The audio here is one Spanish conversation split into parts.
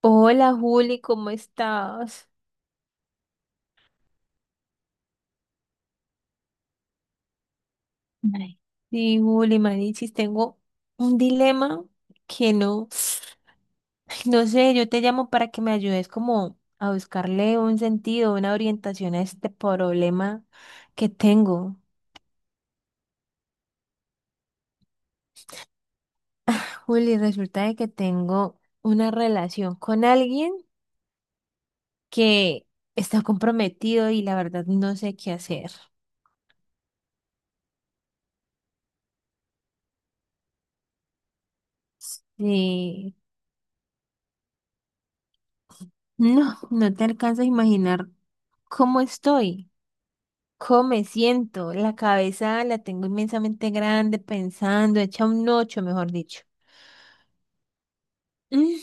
Hola Juli, ¿cómo estás? Ay, sí, Juli, Manichis, tengo un dilema que no, ay, no sé, yo te llamo para que me ayudes como a buscarle un sentido, una orientación a este problema que tengo. Juli, resulta de que tengo una relación con alguien que está comprometido y la verdad no sé qué hacer. Y no, no te alcanzas a imaginar cómo estoy. ¿Cómo me siento? La cabeza la tengo inmensamente grande, pensando, hecha un ocho, mejor dicho. Mm.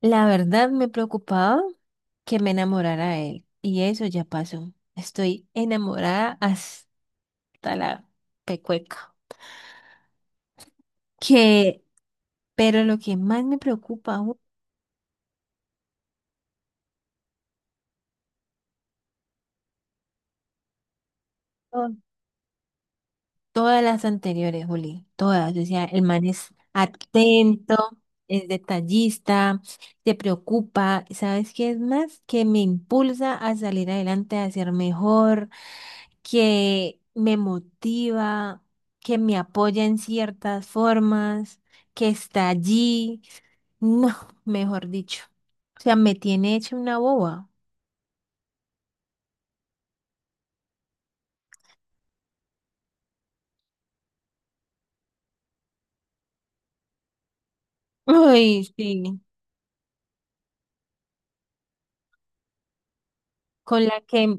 La verdad me preocupaba que me enamorara de él. Y eso ya pasó. Estoy enamorada hasta la pecueca. Que, pero lo que más me preocupa, todas las anteriores, Juli, todas. O sea, el man es atento, es detallista, se preocupa. ¿Sabes qué es más? Que me impulsa a salir adelante, a ser mejor, que me motiva, que me apoya en ciertas formas, que está allí. No, mejor dicho. O sea, me tiene hecha una boba. Ay, sí. Con la que,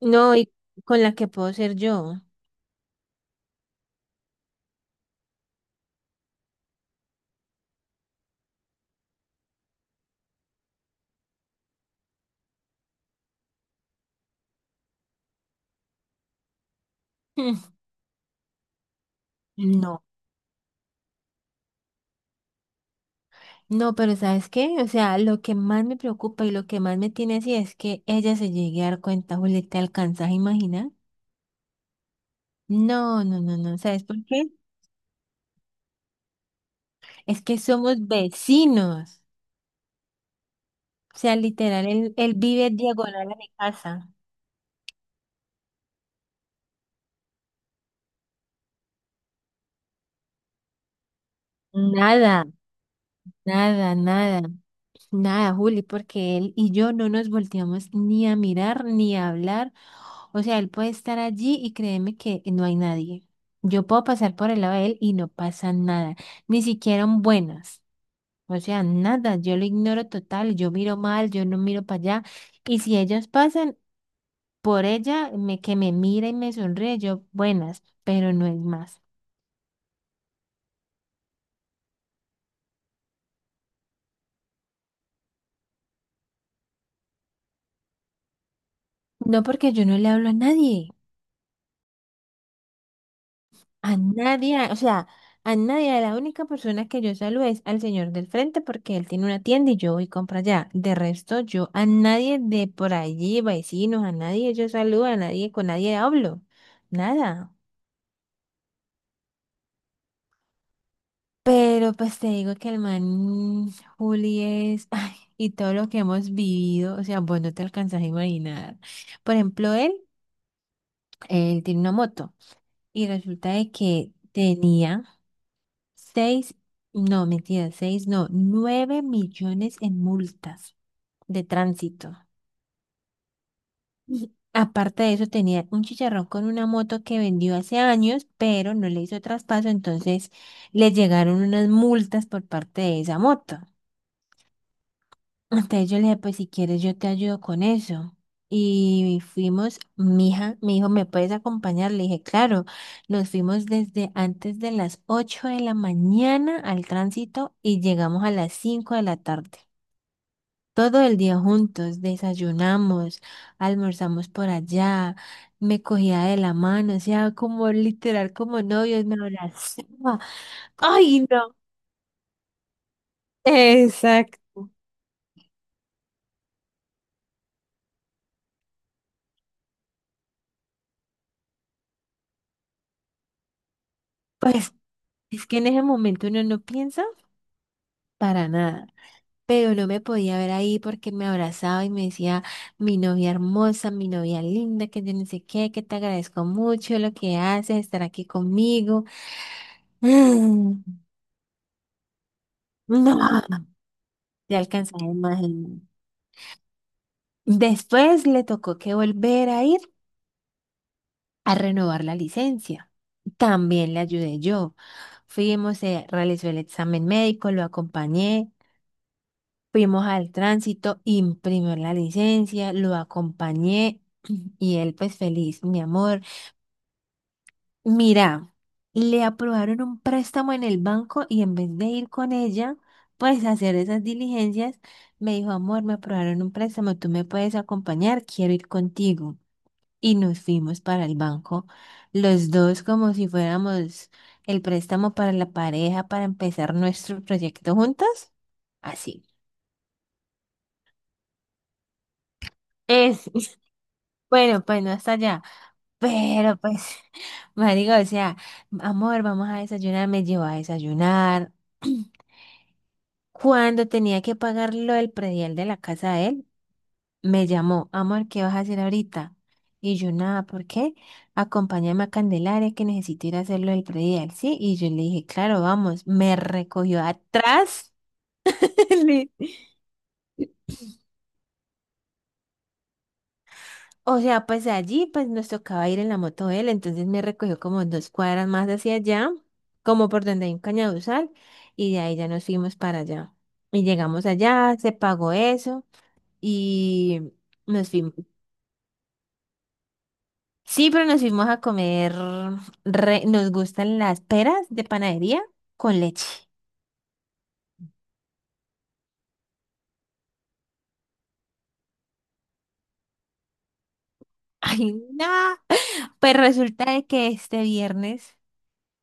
no, y con la que puedo ser yo. No. No, pero ¿sabes qué? O sea, lo que más me preocupa y lo que más me tiene así es que ella se llegue a dar cuenta, Juli, ¿te alcanzas a imaginar? No, no, no, no, ¿sabes por qué? Es que somos vecinos. O sea, literal, él vive diagonal a mi casa. Nada, nada, nada. Nada, Juli, porque él y yo no nos volteamos ni a mirar ni a hablar. O sea, él puede estar allí y créeme que no hay nadie. Yo puedo pasar por el lado de él y no pasa nada, ni siquiera un buenas. O sea, nada, yo lo ignoro total, yo miro mal, yo no miro para allá. Y si ellos pasan por ella, me, que me mira y me sonríe, yo buenas, pero no es más. No porque yo no le hablo a nadie. A nadie, o sea, a nadie, a la única persona que yo saludo es al señor del frente porque él tiene una tienda y yo voy y compro allá. De resto, yo a nadie de por allí, vecinos, a nadie yo saludo, a nadie, con nadie hablo, nada. Pero pues te digo que el man Juli es, ay, y todo lo que hemos vivido, o sea, vos no te alcanzas a imaginar. Por ejemplo, él tiene una moto y resulta de que tenía seis, no, mentira, seis, no, 9 millones en multas de tránsito. Y aparte de eso, tenía un chicharrón con una moto que vendió hace años, pero no le hizo traspaso, entonces le llegaron unas multas por parte de esa moto. Entonces yo le dije, pues si quieres yo te ayudo con eso. Y fuimos, mi hija me dijo, ¿me puedes acompañar? Le dije, claro. Nos fuimos desde antes de las 8 de la mañana al tránsito y llegamos a las 5 de la tarde. Todo el día juntos, desayunamos, almorzamos por allá, me cogía de la mano, o sea, como literal, como novios, me abrazaba. ¡Ay, no! Exacto. Pues es que en ese momento uno no piensa, para nada. Pero no me podía ver ahí porque me abrazaba y me decía, mi novia hermosa, mi novia linda, que yo no sé qué, que te agradezco mucho lo que haces, estar aquí conmigo. Mm. No, te alcanzaba a imaginar. Después le tocó que volver a ir a renovar la licencia. También le ayudé yo. Fuimos, se realizó el examen médico, lo acompañé. Fuimos al tránsito, imprimió la licencia, lo acompañé y él pues feliz, mi amor. Mira, le aprobaron un préstamo en el banco y en vez de ir con ella, pues a hacer esas diligencias, me dijo, amor, me aprobaron un préstamo, tú me puedes acompañar, quiero ir contigo. Y nos fuimos para el banco, los dos como si fuéramos el préstamo para la pareja, para empezar nuestro proyecto juntos. Así. Es. Bueno, pues no está allá. Pero pues, marico, o sea, amor, vamos a desayunar, me llevó a desayunar. Cuando tenía que pagar lo del predial de la casa de él, me llamó, amor, ¿qué vas a hacer ahorita? Y yo, nada, ¿por qué? Acompáñame a Candelaria que necesito ir a hacer lo del predial, ¿sí? Y yo le dije, claro, vamos. Me recogió atrás. O sea, pues allí pues nos tocaba ir en la moto él, entonces me recogió como 2 cuadras más hacia allá, como por donde hay un cañaduzal, y de ahí ya nos fuimos para allá. Y llegamos allá, se pagó eso, y nos fuimos. Sí, pero nos fuimos a comer, nos gustan las peras de panadería con leche. Ay, no. Pues resulta de que este viernes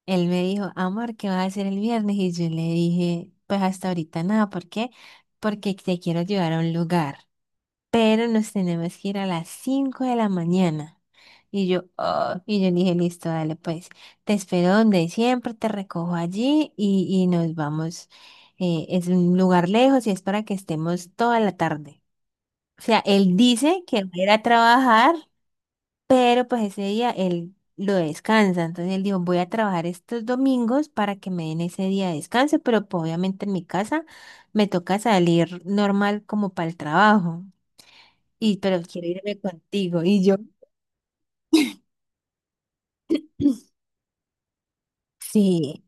él me dijo, amor, ¿qué vas a hacer el viernes? Y yo le dije, pues hasta ahorita nada, ¿por qué? Porque te quiero llevar a un lugar, pero nos tenemos que ir a las 5 de la mañana. Y yo, "Oh", y yo le dije, listo, dale, pues, te espero donde siempre, te recojo allí y nos vamos. Es un lugar lejos y es para que estemos toda la tarde. O sea, él dice que va a ir a trabajar pero pues ese día él lo descansa, entonces él dijo, voy a trabajar estos domingos para que me den ese día de descanso, pero pues obviamente en mi casa me toca salir normal como para el trabajo, y pero quiero irme contigo, y yo, sí,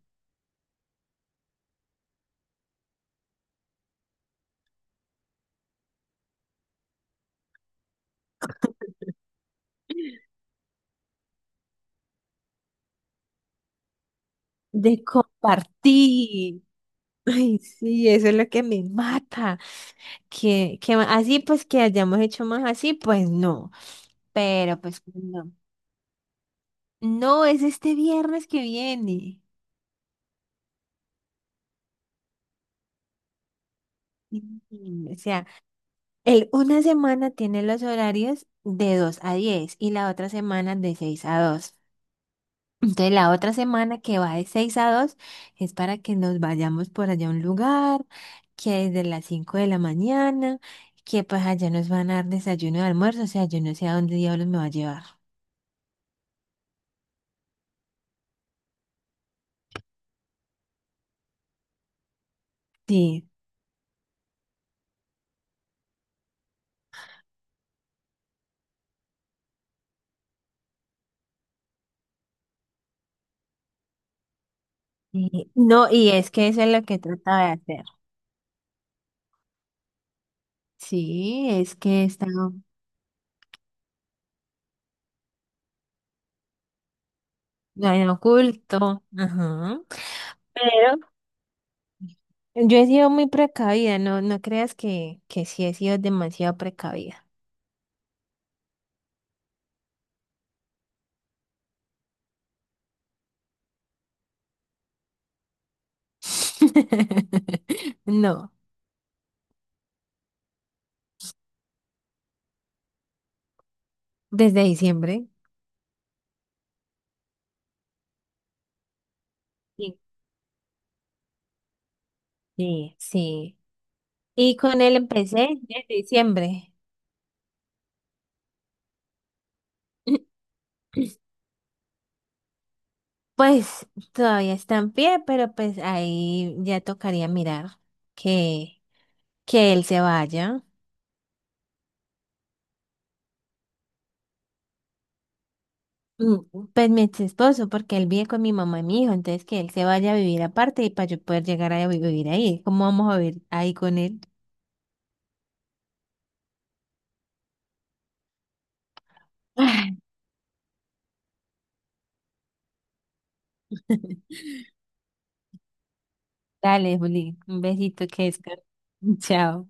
de compartir. Ay, sí, eso es lo que me mata, que así pues que hayamos hecho más así, pues no, pero pues no, no es este viernes que viene. Mm, o sea, el, una semana tiene los horarios de 2 a 10 y la otra semana de 6 a 2. Entonces la otra semana que va de 6 a 2 es para que nos vayamos por allá a un lugar, que desde las 5 de la mañana, que pues allá nos van a dar desayuno y almuerzo, o sea, yo no sé a dónde diablos me va a llevar. Sí. Y- no, y es que eso es lo que trata de hacer. Sí, es que está, está en oculto. Ajá. Yo he sido muy precavida, no, no creas que, sí he sido demasiado precavida. No, desde diciembre. Sí, sí, sí. Y con él empecé desde diciembre. Pues todavía está en pie, pero pues ahí ya tocaría mirar que, que él se vaya. Mm, pues mi ex esposo, porque él vive con mi mamá y mi hijo, entonces que él se vaya a vivir aparte y para yo poder llegar a vivir ahí. ¿Cómo vamos a vivir ahí con él? Dale, Juli, un besito que descanses. Chao.